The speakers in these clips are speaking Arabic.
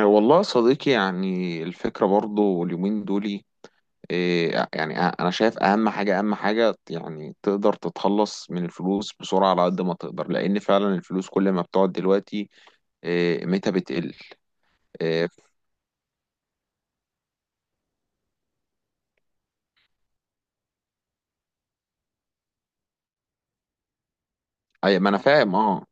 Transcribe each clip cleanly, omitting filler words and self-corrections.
والله يا صديقي، يعني الفكرة برضو اليومين دولي. يعني أنا شايف أهم حاجة، يعني تقدر تتخلص من الفلوس بسرعة على قد ما تقدر، لأن فعلا الفلوس كل ما بتقعد دلوقتي قيمتها بتقل. إيه، أي ما أنا فاهم، أه.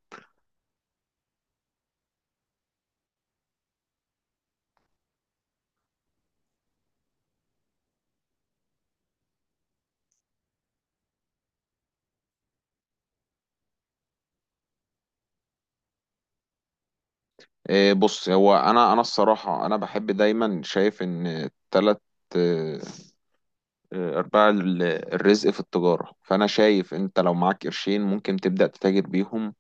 بص، هو أنا الصراحة، أنا بحب دايما، شايف إن تلات إيه، أرباع الرزق في التجارة، فأنا شايف أنت لو معاك قرشين ممكن تبدأ تتاجر بيهم.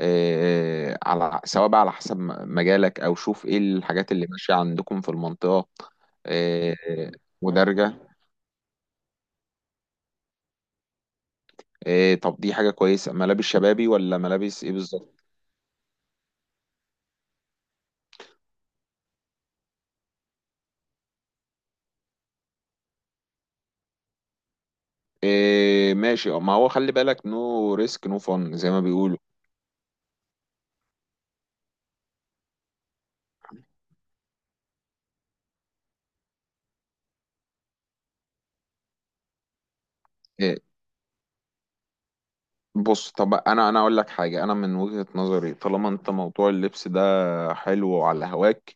على سواء بقى، على حسب مجالك، او شوف ايه الحاجات اللي ماشيه عندكم في المنطقه. آه، ودرجه. طب دي حاجه كويسه، ملابس شبابي ولا ملابس ايه بالظبط؟ ماشي، ما هو خلي بالك، نو ريسك نو فن زي ما بيقولوا. آه، بص، طب انا اقول لك حاجه، انا من وجهه نظري طالما انت موضوع اللبس ده حلو وعلى هواك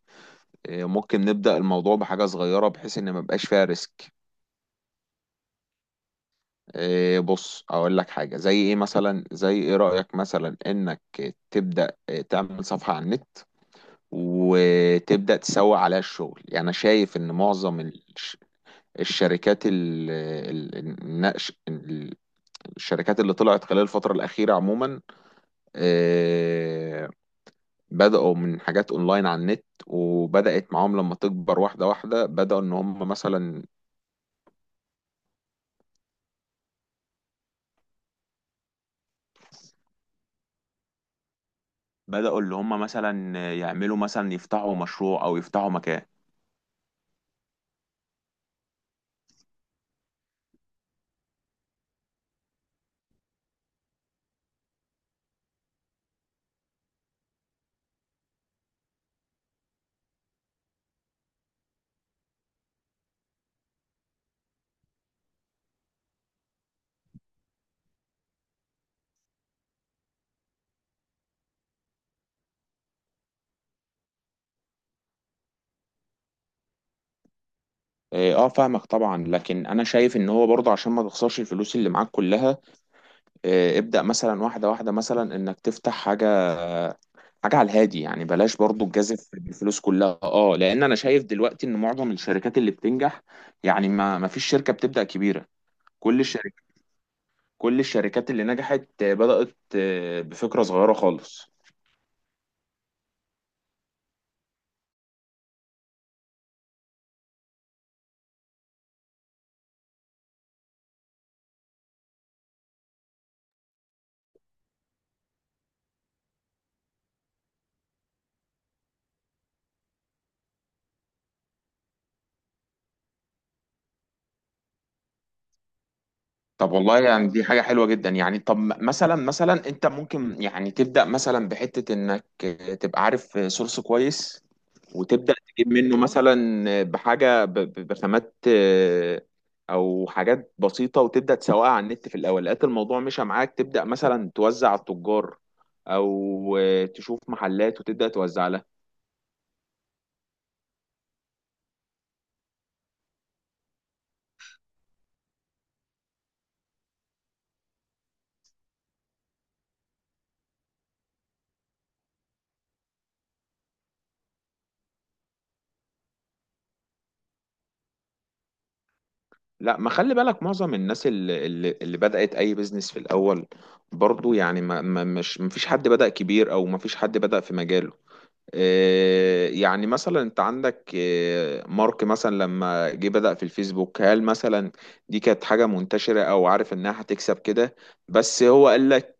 ممكن نبدا الموضوع بحاجه صغيره، بحيث ان ما يبقاش فيها ريسك. إيه، بص اقول لك حاجه، زي ايه مثلا، زي ايه رايك مثلا انك تبدا تعمل صفحه على النت وتبدا تسوق عليها الشغل. يعني انا شايف ان معظم الشركات، ال- النقش الشركات اللي طلعت خلال الفتره الاخيره عموما إيه، بداوا من حاجات اونلاين على النت، وبدات معاهم لما تكبر واحده واحده. بداوا ان هم مثلا، بداوا اللي هم مثلا يعملوا مثلا، يفتحوا مشروع او يفتحوا مكان. اه، فاهمك طبعا، لكن انا شايف ان هو برضه عشان ما تخسرش الفلوس اللي معاك كلها ابدأ مثلا واحدة واحدة، مثلا انك تفتح حاجة، حاجة على الهادي يعني، بلاش برضه تجازف بالفلوس كلها، اه، لان انا شايف دلوقتي ان معظم الشركات اللي بتنجح، يعني ما فيش شركة بتبدأ كبيرة. كل الشركة، كل الشركات اللي نجحت بدأت بفكرة صغيرة خالص. طب والله يعني دي حاجة حلوة جدا، يعني طب مثلا، مثلا انت ممكن يعني تبدأ مثلا بحتة انك تبقى عارف سورس كويس، وتبدأ تجيب منه مثلا بحاجة بخامات، او حاجات بسيطة، وتبدأ تسوقها على النت في الاول. لقيت الموضوع مشى معاك، تبدأ مثلا توزع على التجار، او تشوف محلات وتبدأ توزع لها. لا، ما خلي بالك، معظم الناس اللي بدأت أي بيزنس في الأول برضو، يعني ما فيش حد بدأ كبير، أو ما فيش حد بدأ في مجاله. إيه، يعني مثلا أنت عندك إيه مارك مثلا، لما جه بدأ في الفيسبوك، هل مثلا دي كانت حاجة منتشرة أو عارف إنها هتكسب كده؟ بس هو قال لك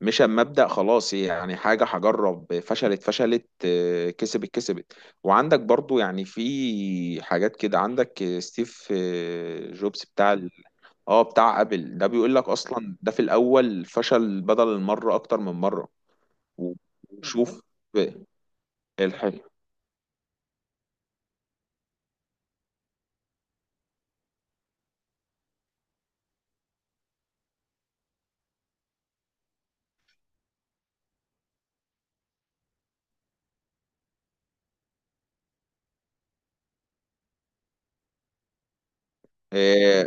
مش، اما ابدا خلاص يعني حاجه هجرب، فشلت فشلت كسبت كسبت. وعندك برضو يعني في حاجات كده، عندك ستيف جوبز بتاع اه بتاع ابل، ده بيقول لك اصلا ده في الاول فشل بدل المره، اكتر من مره. وشوف الحاجه. آه،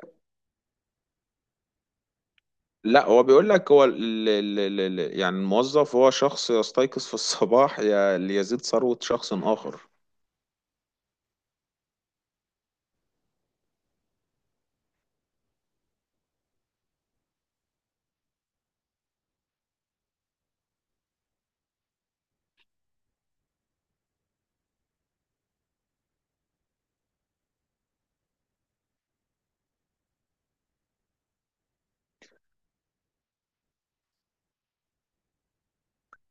لا، هو بيقول لك هو ال يعني الموظف هو شخص يستيقظ في الصباح ليزيد ثروة شخص آخر.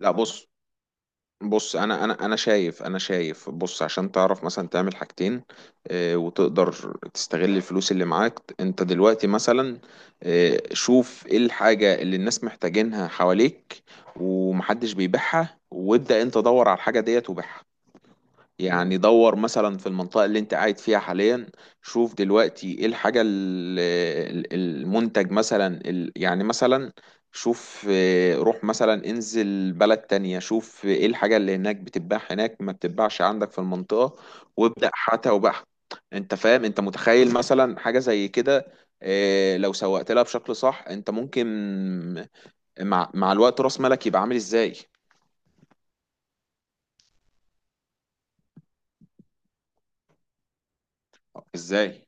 لا بص، بص انا شايف، انا شايف، بص عشان تعرف مثلا تعمل حاجتين وتقدر تستغل الفلوس اللي معاك انت دلوقتي، مثلا شوف ايه الحاجة اللي الناس محتاجينها حواليك ومحدش بيبيعها، وابدأ انت دور على الحاجة ديت وبيعها. يعني دور مثلا في المنطقة اللي انت قاعد فيها حاليا، شوف دلوقتي ايه الحاجة المنتج مثلا، يعني مثلا شوف، اه روح مثلا، انزل بلد تانية شوف ايه الحاجة اللي هناك بتتباع هناك ما بتتباعش عندك في المنطقة، وابدأ حتى وبحث. انت فاهم؟ انت متخيل مثلا حاجة زي كده، اه، لو سوقت لها بشكل صح انت ممكن مع الوقت راس مالك يبقى عامل ازاي؟ ازاي؟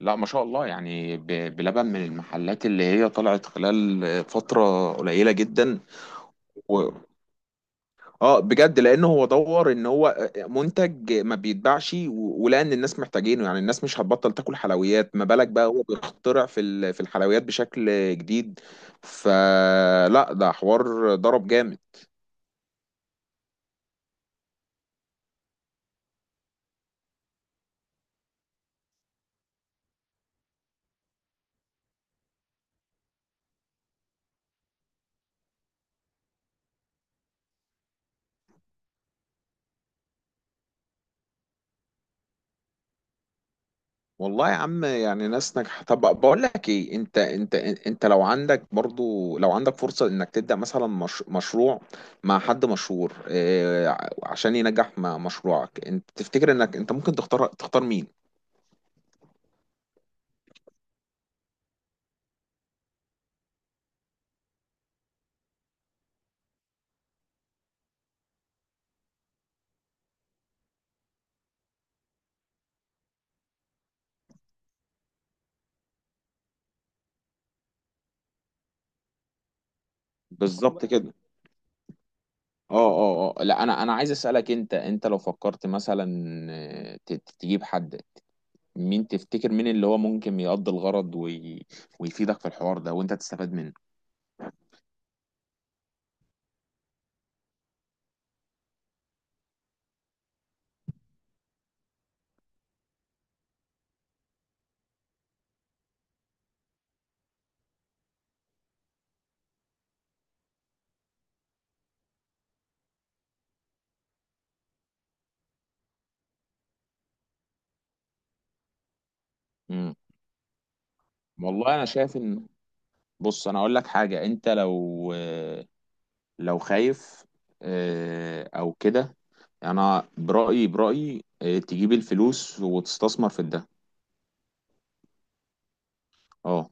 لا ما شاء الله، يعني بلبن من المحلات اللي هي طلعت خلال فترة قليلة جدا و... اه بجد، لان هو دور ان هو منتج ما بيتباعش، ولقى ان الناس محتاجينه. يعني الناس مش هتبطل تاكل حلويات، ما بالك بقى هو بيخترع في في الحلويات بشكل جديد. فلا، ده حوار ضرب جامد. والله يا عم، يعني ناس ناجحة. طب بقول لك ايه، انت لو عندك برضو، لو عندك فرصة انك تبدأ مثلا مش مشروع مع حد مشهور، اه عشان ينجح مع مشروعك، انت تفتكر انك انت ممكن تختار، مين؟ بالظبط كده. اه لا، انا عايز اسألك، انت لو فكرت مثلا تجيب حد، مين تفتكر، مين اللي هو ممكن يقضي الغرض وي... ويفيدك في الحوار ده وانت تستفاد منه. امم، والله انا شايف ان، بص انا اقول لك حاجه، انت لو، لو خايف او كده، انا برايي، تجيب الفلوس وتستثمر في الدهب. اه.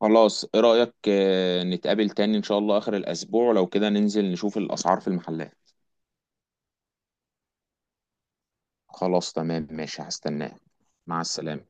خلاص، ايه رايك نتقابل تاني ان شاء الله اخر الاسبوع، لو كده ننزل نشوف الاسعار في المحلات. خلاص تمام ماشي، هستناك. مع السلامه.